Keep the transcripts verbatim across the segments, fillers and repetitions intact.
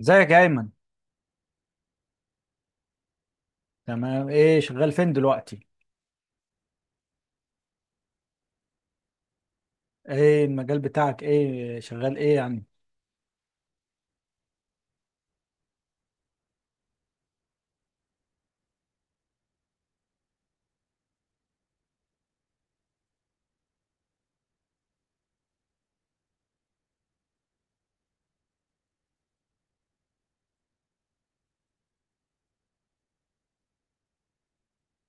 ازيك يا ايمن. تمام، ايه شغال فين دلوقتي؟ ايه المجال بتاعك، ايه شغال ايه يعني؟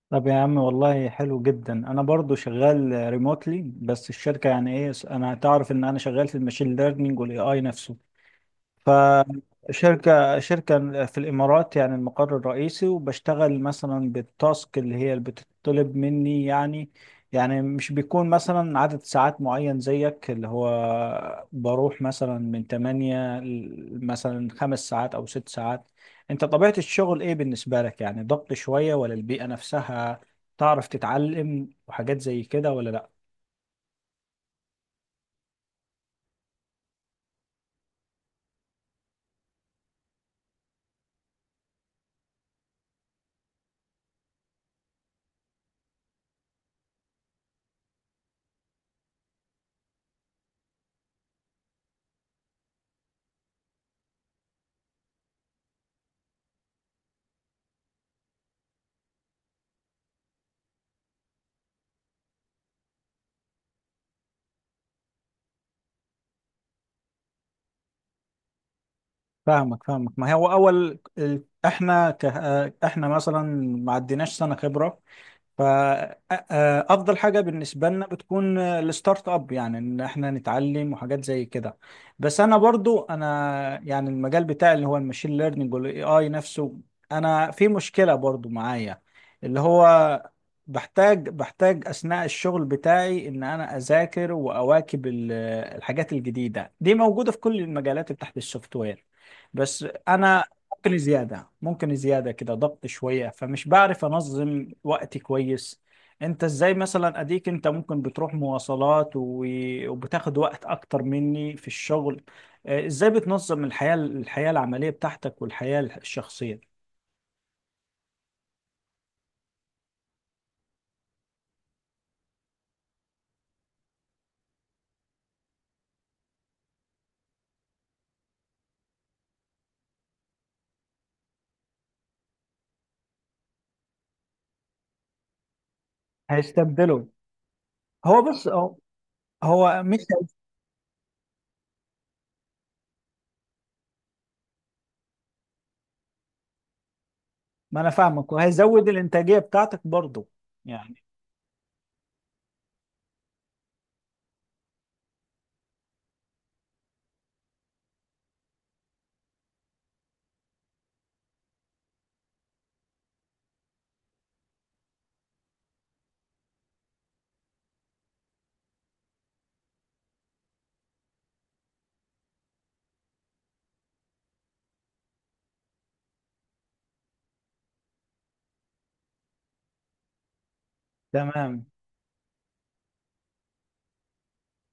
طب يا عم والله حلو جدا. انا برضو شغال ريموتلي، بس الشركه يعني ايه، انا تعرف ان انا شغال في الماشين ليرنينج والاي اي نفسه. ف شركة شركة في الإمارات، يعني المقر الرئيسي، وبشتغل مثلا بالتاسك اللي هي اللي بتطلب مني يعني. يعني مش بيكون مثلا عدد ساعات معين زيك، اللي هو بروح مثلا من تمانية ل- مثلا خمس ساعات أو ست ساعات. أنت طبيعة الشغل إيه بالنسبة لك؟ يعني ضغط شوية، ولا البيئة نفسها تعرف تتعلم وحاجات زي كده، ولا لأ؟ فاهمك فاهمك. ما هو أول ال- إحنا ك... آه، إحنا مثلا ما عديناش سنة خبرة، فأفضل حاجة بالنسبة لنا بتكون الستارت اب، يعني إن إحنا نتعلم وحاجات زي كده. بس أنا برضو أنا يعني المجال بتاعي اللي هو الماشين ليرنينج والاي آي نفسه، أنا في مشكلة برضو معايا، اللي هو بحتاج بحتاج أثناء الشغل بتاعي إن أنا أذاكر وأواكب ال- الحاجات الجديدة دي موجودة في كل المجالات تحت السوفت وير. بس أنا ممكن زيادة ممكن زيادة كده، ضغط شوية، فمش بعرف أنظم وقتي كويس. أنت إزاي مثلا؟ أديك أنت ممكن بتروح مواصلات و- وبتاخد وقت أكتر مني في الشغل. آه، إزاي بتنظم الحياة الحياة العملية بتاعتك والحياة الشخصية؟ هيستبدله. هو بص، هو هو مش... ما أنا فاهمك، وهيزود الإنتاجية بتاعتك برضه. يعني تمام.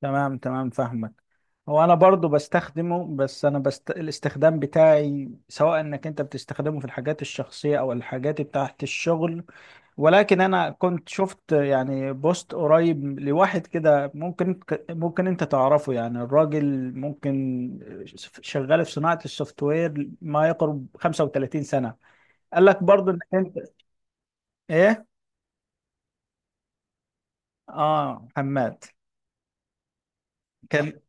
تمام تمام فاهمك. هو انا برضو بستخدمه، بس انا بست... الاستخدام بتاعي سواء انك انت بتستخدمه في الحاجات الشخصية او الحاجات بتاعت الشغل. ولكن انا كنت شفت يعني بوست قريب لواحد كده، ممكن ممكن انت تعرفه يعني. الراجل ممكن شغال في صناعة السوفت وير ما يقرب خمسة وتلاتين سنة. قال لك برضو انك انت ايه. اه، حماد. كان...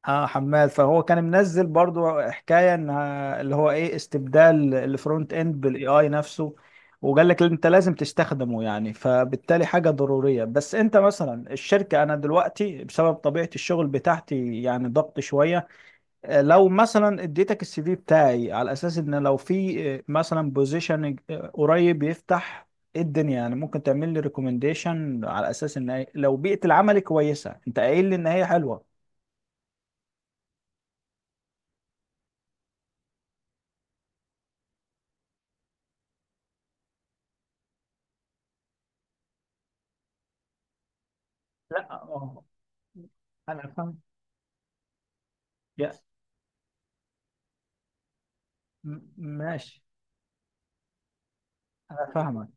اه، حماد، فهو كان منزل برضو حكايه انها اللي هو ايه، استبدال الفرونت اند بالاي اي نفسه، وقال لك انت لازم تستخدمه يعني، فبالتالي حاجه ضروريه. بس انت مثلا الشركه، انا دلوقتي بسبب طبيعه الشغل بتاعتي يعني ضغط شويه. آه، لو مثلا اديتك السي في بتاعي على اساس ان لو في آه، مثلا بوزيشن قريب يفتح، ايه الدنيا يعني، ممكن تعمل لي ريكومنديشن على اساس ان لو بيئه العمل كويسه، انت قايل لي ان هي حلوه. لا، انا فاهم. يا م- ماشي. انا فاهمك.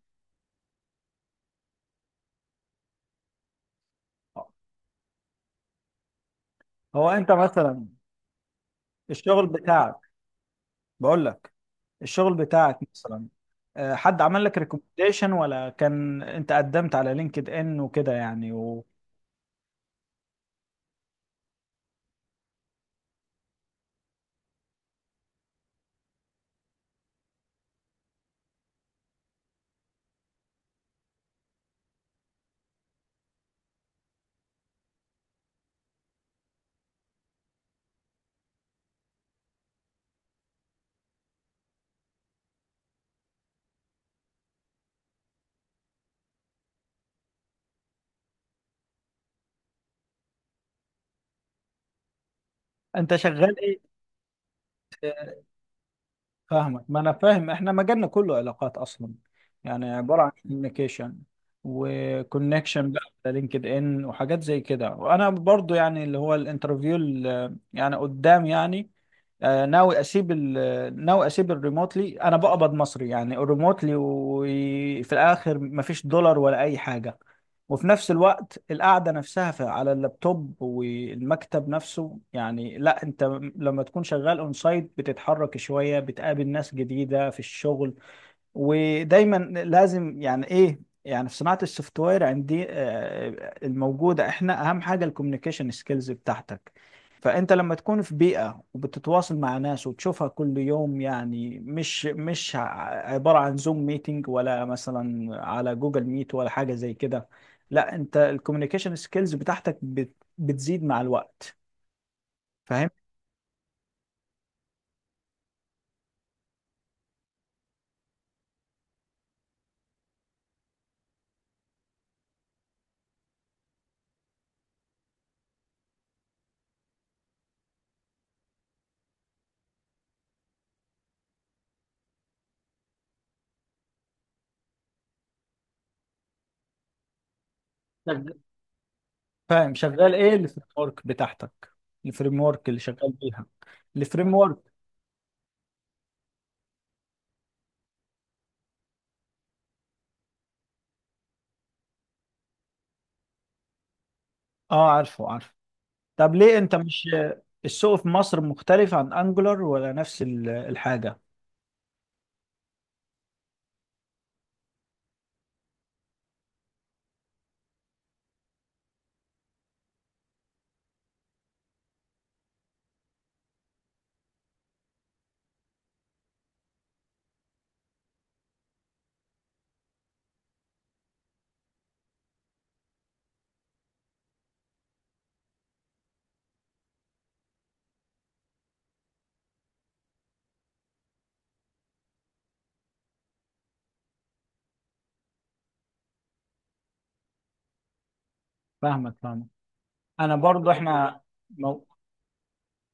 هو انت مثلا الشغل بتاعك، بقول لك الشغل بتاعك مثلا، آه، حد عمل لك ريكومنديشن، ولا كان انت قدمت على لينكد ان وكده يعني، وانت شغال ايه؟ فاهمك، ما انا فاهم، احنا مجالنا كله علاقات اصلا، يعني عبارة عن كوميونيكيشن وكونكشن بقى على لينكد ان وحاجات زي كده. وانا برضو يعني اللي هو الانترفيو اللي يعني قدام يعني، آه، ناوي اسيب ال... ناوي اسيب الريموتلي. انا بقبض مصري يعني الريموتلي، وفي الاخر مفيش دولار ولا اي حاجه، وفي نفس الوقت القعده نفسها في... على اللابتوب والمكتب نفسه. يعني لا، انت لما تكون شغال اون سايت بتتحرك شويه، بتقابل ناس جديده في الشغل، ودايما لازم يعني ايه يعني، في صناعة السوفت وير عندي آه، الموجودة احنا اهم حاجة الكوميونيكيشن سكيلز بتاعتك. فانت لما تكون في بيئة وبتتواصل مع ناس وتشوفها كل يوم، يعني مش مش ع- عبارة عن زوم ميتنج ولا مثلا على جوجل ميت ولا حاجة زي كده، لا، انت الكوميونيكيشن سكيلز بتاعتك بت- بتزيد مع الوقت، فاهم؟ شغ- فاهم شغال ايه الفريم ورك بتاعتك؟ الفريم ورك اللي شغال بيها. الفريم ورك. اه، عارفه عارفه. طب ليه انت مش... السوق في مصر مختلف عن انجولار، ولا نفس ال- الحاجه؟ فاهمك فاهمك. انا برضو احنا مو...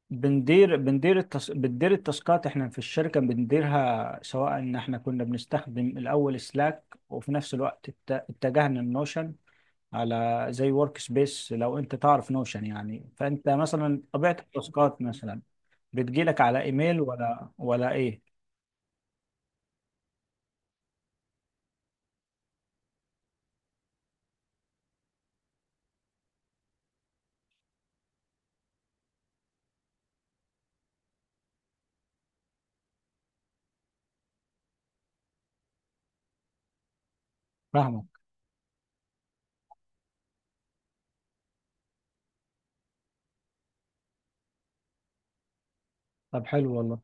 بندير بندير التص... بندير التاسكات احنا في الشركه بنديرها، سواء ان احنا كنا بنستخدم الاول سلاك، وفي نفس الوقت ات- اتجهنا لنوشن، على زي ورك سبيس. لو انت تعرف نوشن يعني، فانت مثلا طبيعه التاسكات مثلا بتجيلك على ايميل، ولا ولا ايه؟ فاهمك. طب حلو والله.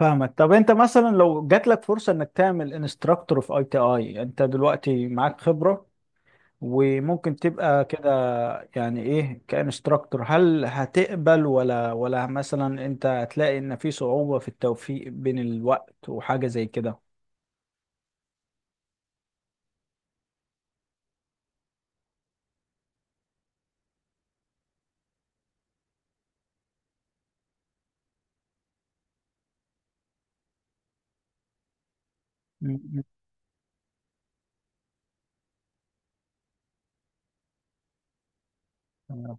فاهمك. طب انت مثلا لو جات لك فرصه انك تعمل انستراكتور في اي تي اي، انت دلوقتي معاك خبره وممكن تبقى كده، يعني ايه كانستراكتور، هل هتقبل، ولا ولا مثلا انت هتلاقي ان في صعوبه في التوفيق بين الوقت وحاجه زي كده؟ م-. م.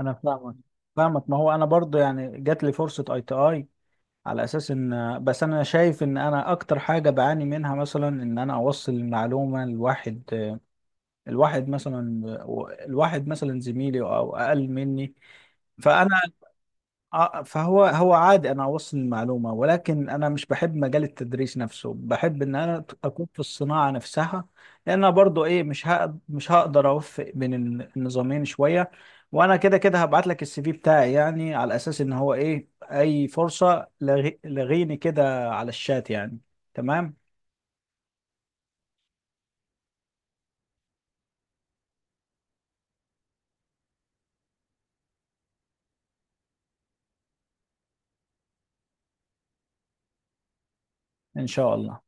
انا فاهمك. فاهمك، ما هو انا برضو يعني جات لي فرصه اي تي اي على اساس ان، بس انا شايف ان انا اكتر حاجه بعاني منها مثلا ان انا اوصل المعلومه لواحد. الواحد مثلا... الواحد مثلا زميلي او اقل مني، فانا آه، فهو هو عادي انا اوصل المعلومه، ولكن انا مش بحب مجال التدريس نفسه. بحب ان انا اكون في الصناعه نفسها، لان أنا برضو ايه، مش هقد- مش هقدر اوفق بين الن- النظامين شويه. وانا كده كده هبعت لك السي في بتاعي، يعني على اساس ان هو ايه، اي فرصه لغي- لغيني كده على الشات يعني. تمام. ان شاء الله.